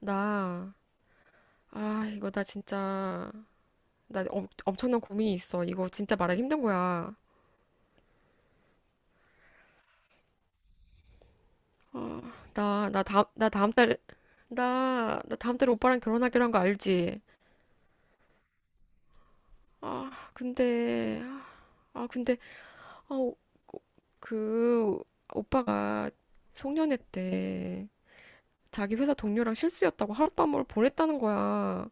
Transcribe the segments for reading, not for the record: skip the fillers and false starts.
나, 아, 이거 나 진짜, 나 엄청난 고민이 있어. 이거 진짜 말하기 힘든 거야. 어, 나 다음 달에, 나 다음 달에 오빠랑 결혼하기로 한 거 알지? 아, 근데, 아, 근데, 어, 그, 오빠가 송년회 때 자기 회사 동료랑 실수였다고 하룻밤을 보냈다는 거야.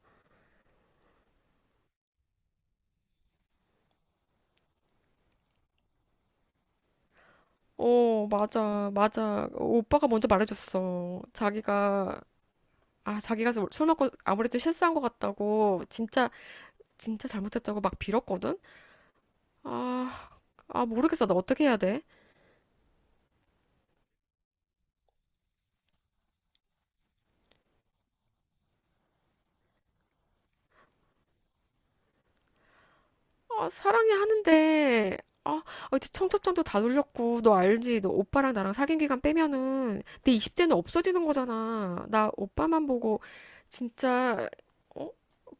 어, 맞아, 맞아. 어, 오빠가 먼저 말해줬어. 자기가 아, 자기가 술 먹고 아무래도 실수한 것 같다고 진짜 진짜 잘못했다고 막 빌었거든? 아, 아 모르겠어. 나 어떻게 해야 돼? 아, 사랑해 하는데 아, 아, 이제 청첩장도 다 돌렸고 너 알지? 너 오빠랑 나랑 사귄 기간 빼면은 내 20대는 없어지는 거잖아. 나 오빠만 보고 진짜 어?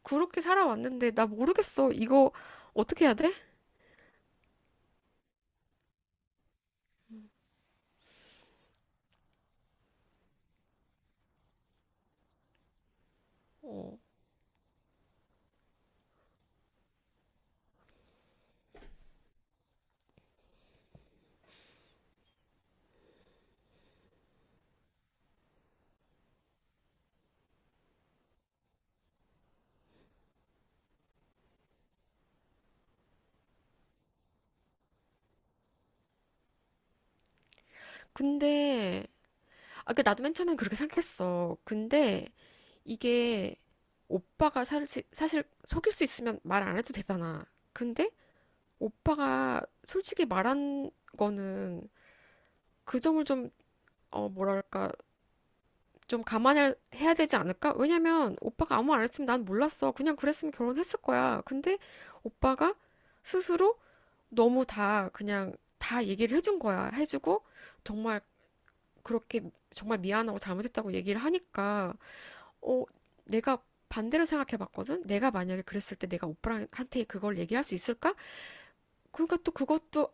그렇게 살아왔는데 나 모르겠어. 이거 어떻게 해야 돼? 어. 근데 아, 그 나도 맨 처음엔 그렇게 생각했어. 근데 이게 오빠가 사실, 사실 속일 수 있으면 말 안 해도 되잖아. 근데 오빠가 솔직히 말한 거는 그 점을 좀, 어, 뭐랄까, 좀 감안해야 해야 되지 않을까? 왜냐면 오빠가 아무 말 안 했으면 난 몰랐어. 그냥 그랬으면 결혼했을 거야. 근데 오빠가 스스로 너무 다 그냥 다 얘기를 해준 거야. 해주고 정말 그렇게 정말 미안하고 잘못했다고 얘기를 하니까 어, 내가 반대로 생각해 봤거든? 내가 만약에 그랬을 때 내가 오빠한테 그걸 얘기할 수 있을까? 그러니까 또 그것도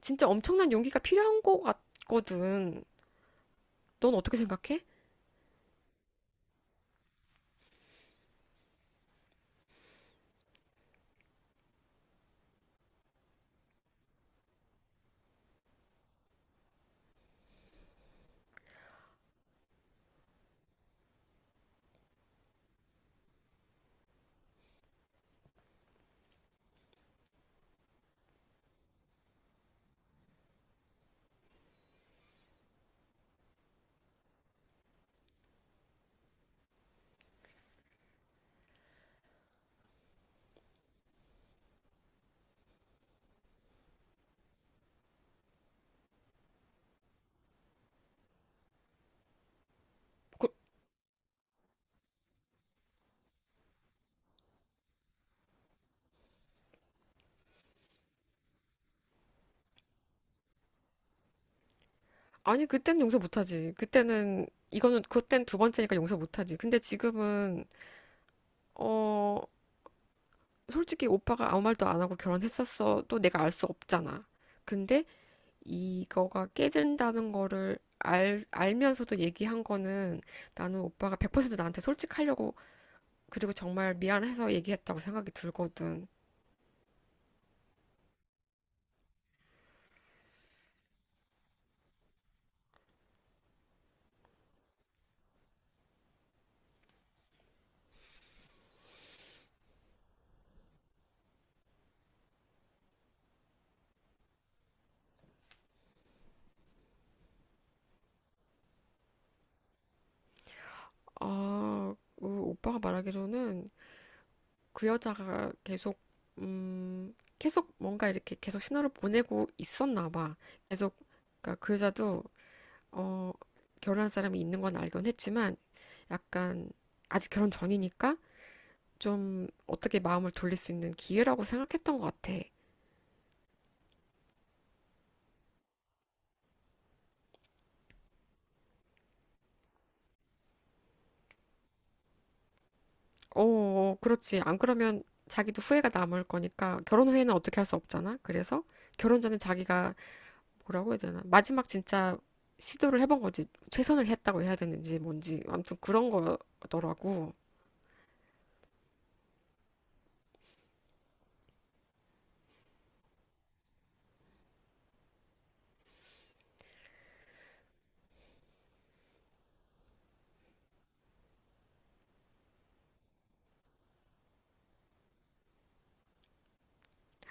진짜 엄청난 용기가 필요한 것 같거든. 넌 어떻게 생각해? 그, 아니, 그때는 용서 못하지. 그때는, 이거는, 그땐 두 번째니까 용서 못하지. 근데 지금은, 어, 솔직히 오빠가 아무 말도 안 하고 결혼했었어도 내가 알 수 없잖아. 근데 이거가 깨진다는 거를 알면서도 얘기한 거는 나는 오빠가 100% 나한테 솔직하려고 그리고 정말 미안해서 얘기했다고 생각이 들거든. 아, 그 오빠가 말하기로는 그 여자가 계속, 계속 뭔가 이렇게 계속 신호를 보내고 있었나 봐. 계속, 그러니까 그 여자도, 어, 결혼한 사람이 있는 건 알긴 했지만, 약간, 아직 결혼 전이니까 좀 어떻게 마음을 돌릴 수 있는 기회라고 생각했던 것 같아. 어, 어, 그렇지. 안 그러면 자기도 후회가 남을 거니까, 결혼 후에는 어떻게 할 수 없잖아. 그래서 결혼 전에 자기가 뭐라고 해야 되나? 마지막 진짜 시도를 해본 거지. 최선을 했다고 해야 되는지 뭔지. 아무튼 그런 거더라고.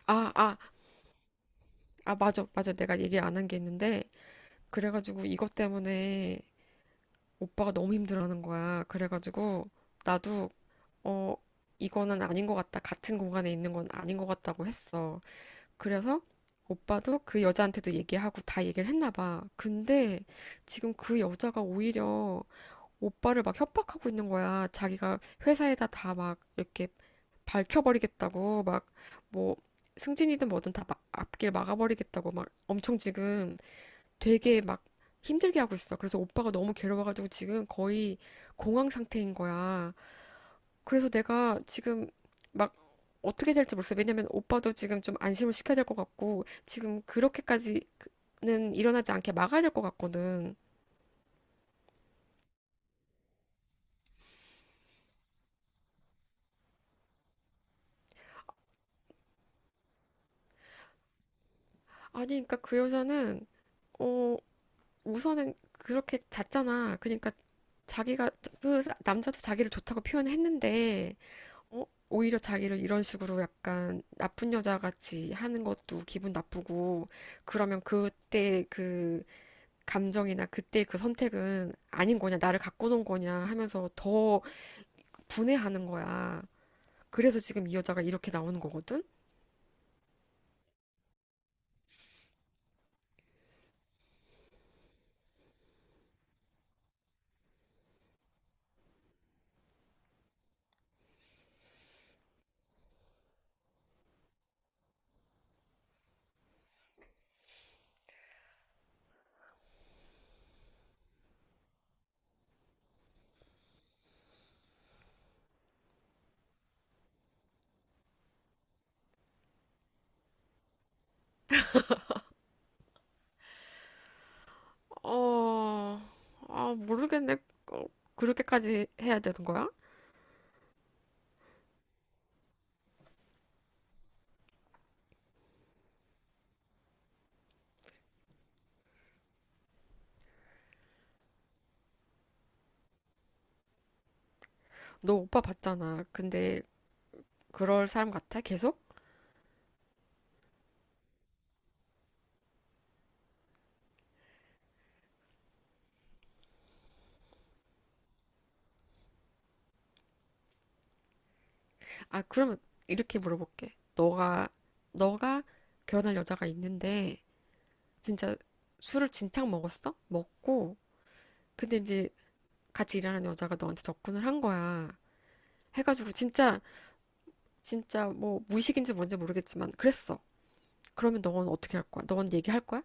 아, 아, 아, 맞아, 맞아. 내가 얘기 안 한 게 있는데. 그래가지고 이것 때문에 오빠가 너무 힘들어하는 거야. 그래가지고 나도, 어, 이거는 아닌 것 같다. 같은 공간에 있는 건 아닌 것 같다고 했어. 그래서 오빠도 그 여자한테도 얘기하고 다 얘기를 했나 봐. 근데 지금 그 여자가 오히려 오빠를 막 협박하고 있는 거야. 자기가 회사에다 다 막 이렇게 밝혀버리겠다고 막 뭐 승진이든 뭐든 다 막 앞길 막아버리겠다고 막 엄청 지금 되게 막 힘들게 하고 있어. 그래서 오빠가 너무 괴로워가지고 지금 거의 공황 상태인 거야. 그래서 내가 지금 막 어떻게 될지 모르겠어. 왜냐면 오빠도 지금 좀 안심을 시켜야 될 것 같고 지금 그렇게까지는 일어나지 않게 막아야 될 것 같거든. 아니, 그러니까 그 여자는 어 우선은 그렇게 잤잖아. 그러니까 자기가 그 남자도 자기를 좋다고 표현했는데 어? 오히려 자기를 이런 식으로 약간 나쁜 여자 같이 하는 것도 기분 나쁘고 그러면 그때 그 감정이나 그때 그 선택은 아닌 거냐 나를 갖고 논 거냐 하면서 더 분해하는 거야. 그래서 지금 이 여자가 이렇게 나오는 거거든? 어, 아, 모르겠네. 어, 그렇게까지 해야 되는 거야? 너 오빠 봤잖아. 근데 그럴 사람 같아? 계속? 아, 그러면 이렇게 물어볼게. 너가, 너가 결혼할 여자가 있는데, 진짜 술을 진창 먹었어? 먹고, 근데 이제 같이 일하는 여자가 너한테 접근을 한 거야. 해가지고 진짜, 진짜 뭐 무의식인지 뭔지 모르겠지만, 그랬어. 그러면 너는 어떻게 할 거야? 너는 얘기할 거야?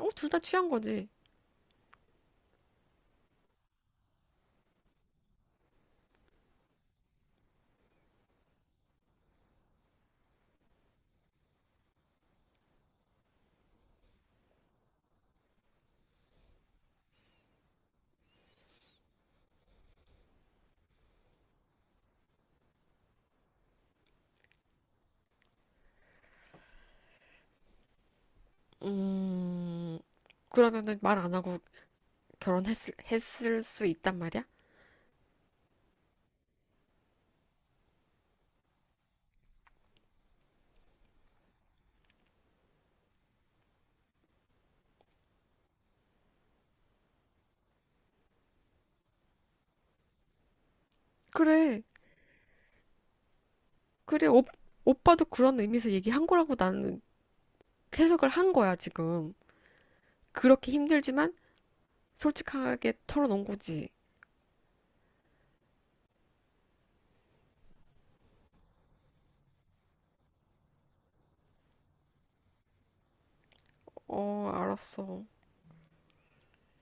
어, 둘 다 취한 거지. 음, 그러면은 말 안 하고 했을 수 있단 말이야? 그래. 그래, 오, 오빠도 그런 의미에서 얘기한 거라고 나는 해석을 한 거야, 지금. 그렇게 힘들지만 솔직하게 털어놓은 거지. 어, 알았어.